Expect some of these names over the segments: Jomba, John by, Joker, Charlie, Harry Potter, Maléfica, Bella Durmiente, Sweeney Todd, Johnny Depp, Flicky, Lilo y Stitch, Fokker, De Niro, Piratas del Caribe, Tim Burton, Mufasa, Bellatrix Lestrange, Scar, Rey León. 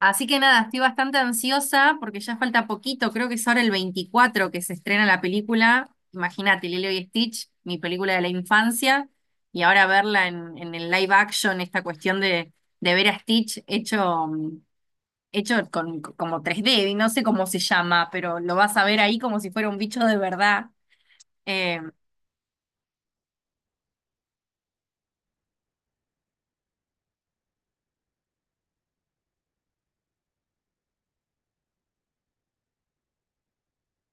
Así que nada, estoy bastante ansiosa porque ya falta poquito, creo que es ahora el 24 que se estrena la película. Imagínate, Lilo y Stitch, mi película de la infancia, y ahora verla en el live action, esta cuestión de ver a Stitch hecho, hecho con, como 3D y no sé cómo se llama, pero lo vas a ver ahí como si fuera un bicho de verdad. Eh,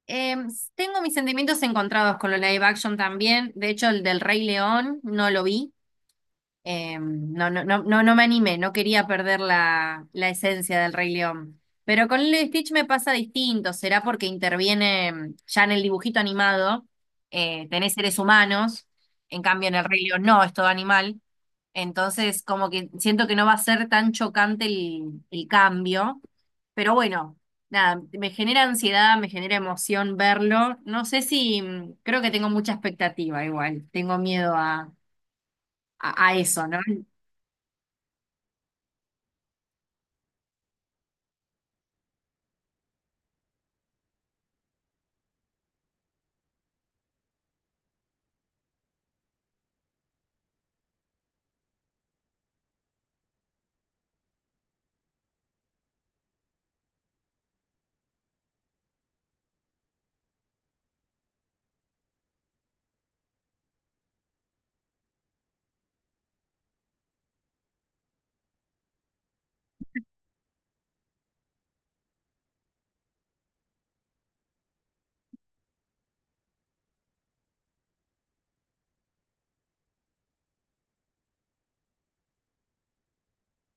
eh, Tengo mis sentimientos encontrados con lo live action también, de hecho el del Rey León no lo vi. No, no, no, no, no me animé, no quería perder la esencia del Rey León. Pero con Lilo y Stitch me pasa distinto, será porque interviene ya en el dibujito animado, tenés seres humanos, en cambio en el Rey León no, es todo animal. Entonces, como que siento que no va a ser tan chocante el cambio. Pero bueno, nada, me genera ansiedad, me genera emoción verlo. No sé si, creo que tengo mucha expectativa igual, tengo miedo a a eso, ¿no?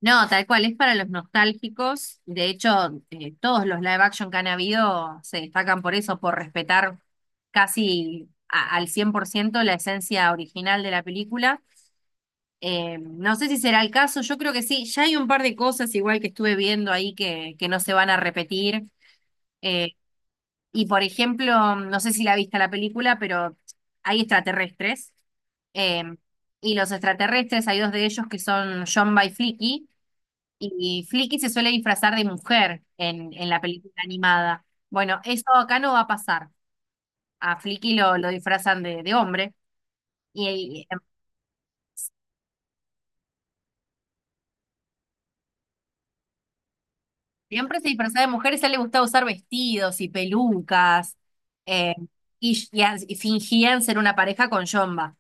No, tal cual, es para los nostálgicos. De hecho, todos los live action que han habido se destacan por eso, por respetar casi al 100% la esencia original de la película. No sé si será el caso, yo creo que sí. Ya hay un par de cosas igual que estuve viendo ahí que no se van a repetir. Eh, y por ejemplo, no sé si la viste la película, pero hay extraterrestres. Eh, y los extraterrestres, hay dos de ellos que son John by, y Flicky se suele disfrazar de mujer en la película animada. Bueno, eso acá no va a pasar. A Flicky lo disfrazan de hombre. Y, y siempre se disfraza de mujeres y a él le gusta usar vestidos y pelucas. eh, y fingían ser una pareja con Jomba.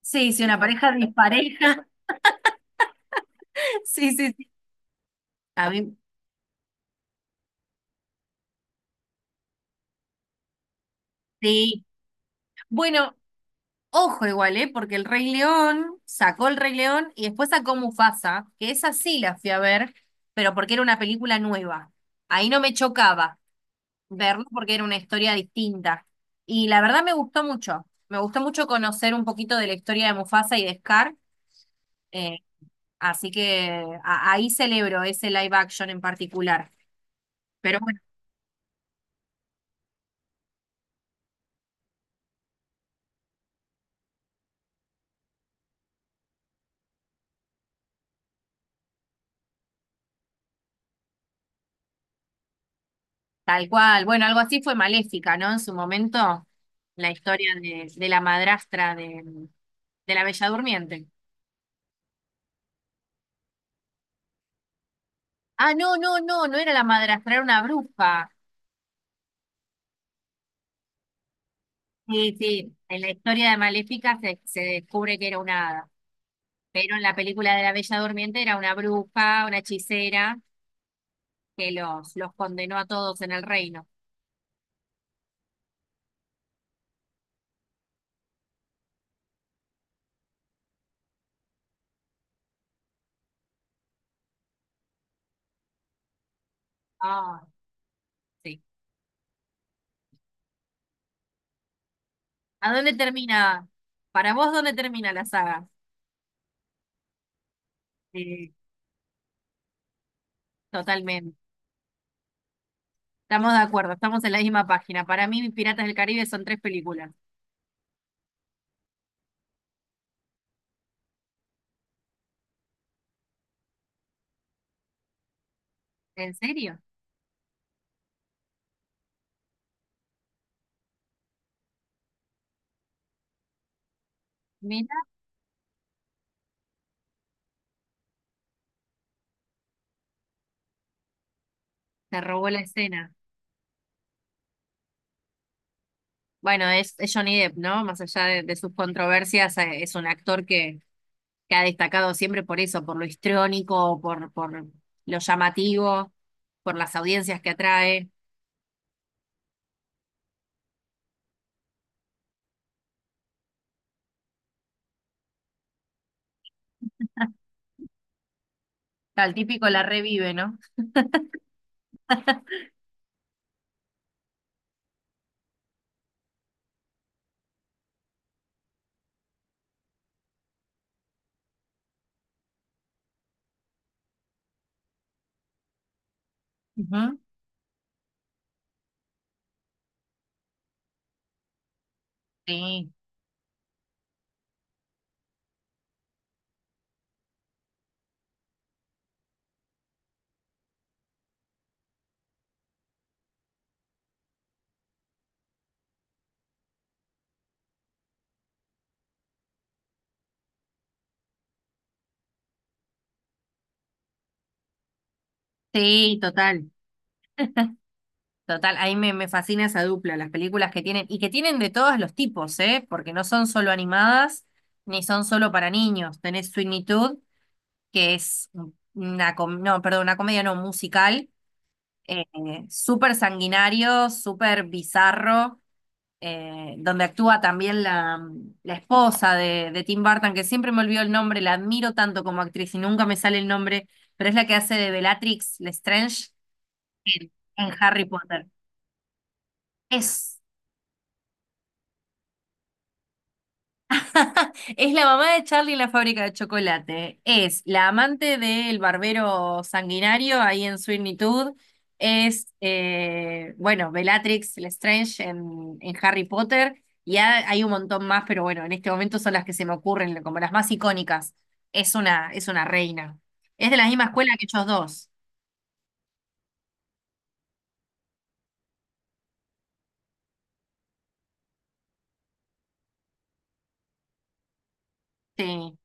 Sí, sí, una pareja dispareja. Sí, sí, sí. A mí, sí. Bueno, ojo igual, ¿eh? Porque el Rey León sacó el Rey León y después sacó Mufasa, que esa sí la fui a ver, pero porque era una película nueva. Ahí no me chocaba verlo porque era una historia distinta. Y la verdad me gustó mucho. Me gustó mucho conocer un poquito de la historia de Mufasa y de Scar. eh, Así que ahí celebro ese live action en particular. Pero bueno, tal cual. Bueno, algo así fue Maléfica, ¿no? En su momento, la historia de la madrastra de la Bella Durmiente. Ah, no, no, no, no era la madrastra, era una bruja. Sí, sí, en la historia de Maléfica se, se descubre que era una hada, pero en la película de la Bella Durmiente era una bruja, una hechicera, que los condenó a todos en el reino. Ah, sí. ¿A dónde termina? Para vos, ¿dónde termina la saga? Sí, totalmente. Estamos de acuerdo, estamos en la misma página. Para mí, Piratas del Caribe son tres películas. ¿En serio? Mira, te robó la escena. Bueno, es Johnny Depp, ¿no? Más allá de sus controversias, es un actor que ha destacado siempre por eso, por lo histriónico, por lo llamativo, por las audiencias que atrae. Tal típico la revive, ¿no? Ujú. Sí, sí, total, total. Ahí me, me fascina esa dupla, las películas que tienen, y que tienen de todos los tipos, ¿eh? Porque no son solo animadas, ni son solo para niños. Tenés Sweeney Todd, que es una, no, perdón, una comedia no, musical, eh, súper sanguinario, súper bizarro, donde actúa también la esposa de Tim Burton, que siempre me olvido el nombre, la admiro tanto como actriz y nunca me sale el nombre, pero es la que hace de Bellatrix Lestrange en Harry Potter. Es Es la mamá de Charlie en la fábrica de chocolate. Es la amante del barbero sanguinario ahí en Sweeney Todd. Es, bueno, Bellatrix Lestrange en Harry Potter. Y hay un montón más, pero bueno, en este momento son las que se me ocurren como las más icónicas. Es una reina. Es de la misma escuela que ellos dos. Sí,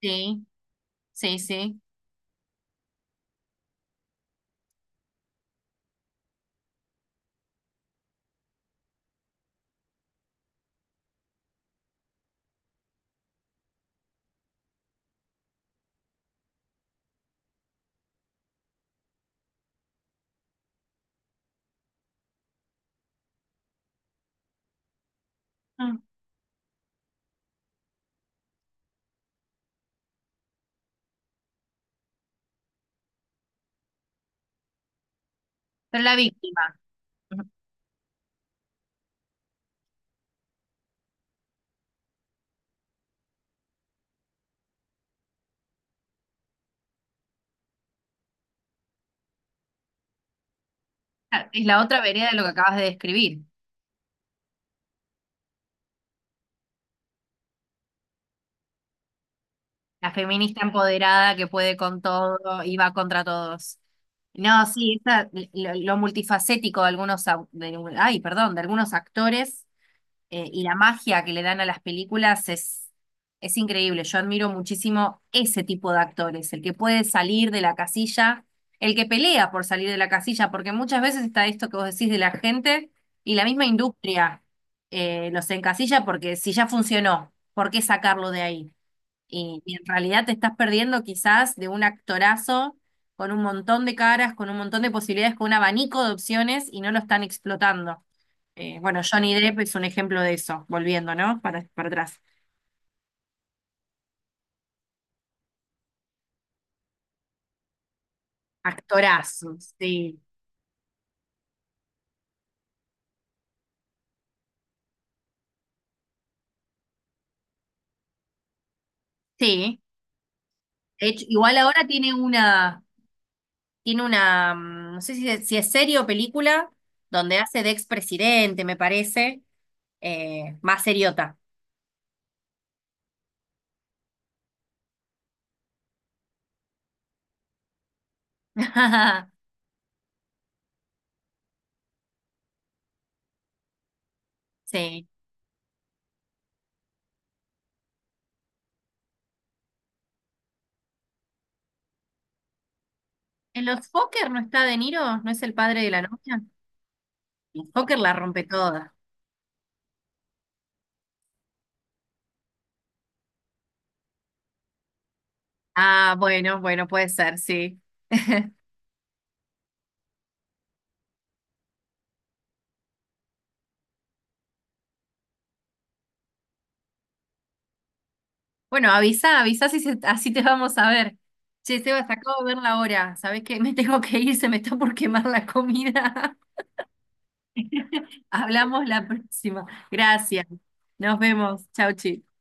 sí, sí, sí. Mm. Pero la víctima. Ujú. Ah, es la otra vereda de lo que acabas de describir. La feminista empoderada que puede con todo y va contra todos. No, sí, lo multifacético de algunos, perdón, de algunos actores, y la magia que le dan a las películas es increíble. Yo admiro muchísimo ese tipo de actores, el que puede salir de la casilla, el que pelea por salir de la casilla, porque muchas veces está esto que vos decís de la gente y la misma industria, los encasilla porque si ya funcionó, ¿por qué sacarlo de ahí? Y en realidad te estás perdiendo quizás de un actorazo con un montón de caras, con un montón de posibilidades, con un abanico de opciones y no lo están explotando. Bueno, Johnny Depp es un ejemplo de eso, volviendo, ¿no? Para atrás. Actorazo, sí. Sí. De hecho, igual ahora tiene una, no sé si es, si es serie o película, donde hace de expresidente, me parece, más seriota. Sí. ¿En los Fokker no está De Niro? ¿No es el padre de la novia? El Joker la rompe toda. Ah, bueno, bueno, puede ser, sí. Bueno, avisa, avisa si se- así te vamos a ver. Che, Seba, se acabo de ver la hora. ¿Sabés qué? Me tengo que ir, se me está por quemar la comida. Hablamos la próxima. Gracias. Nos vemos. Chau, chi.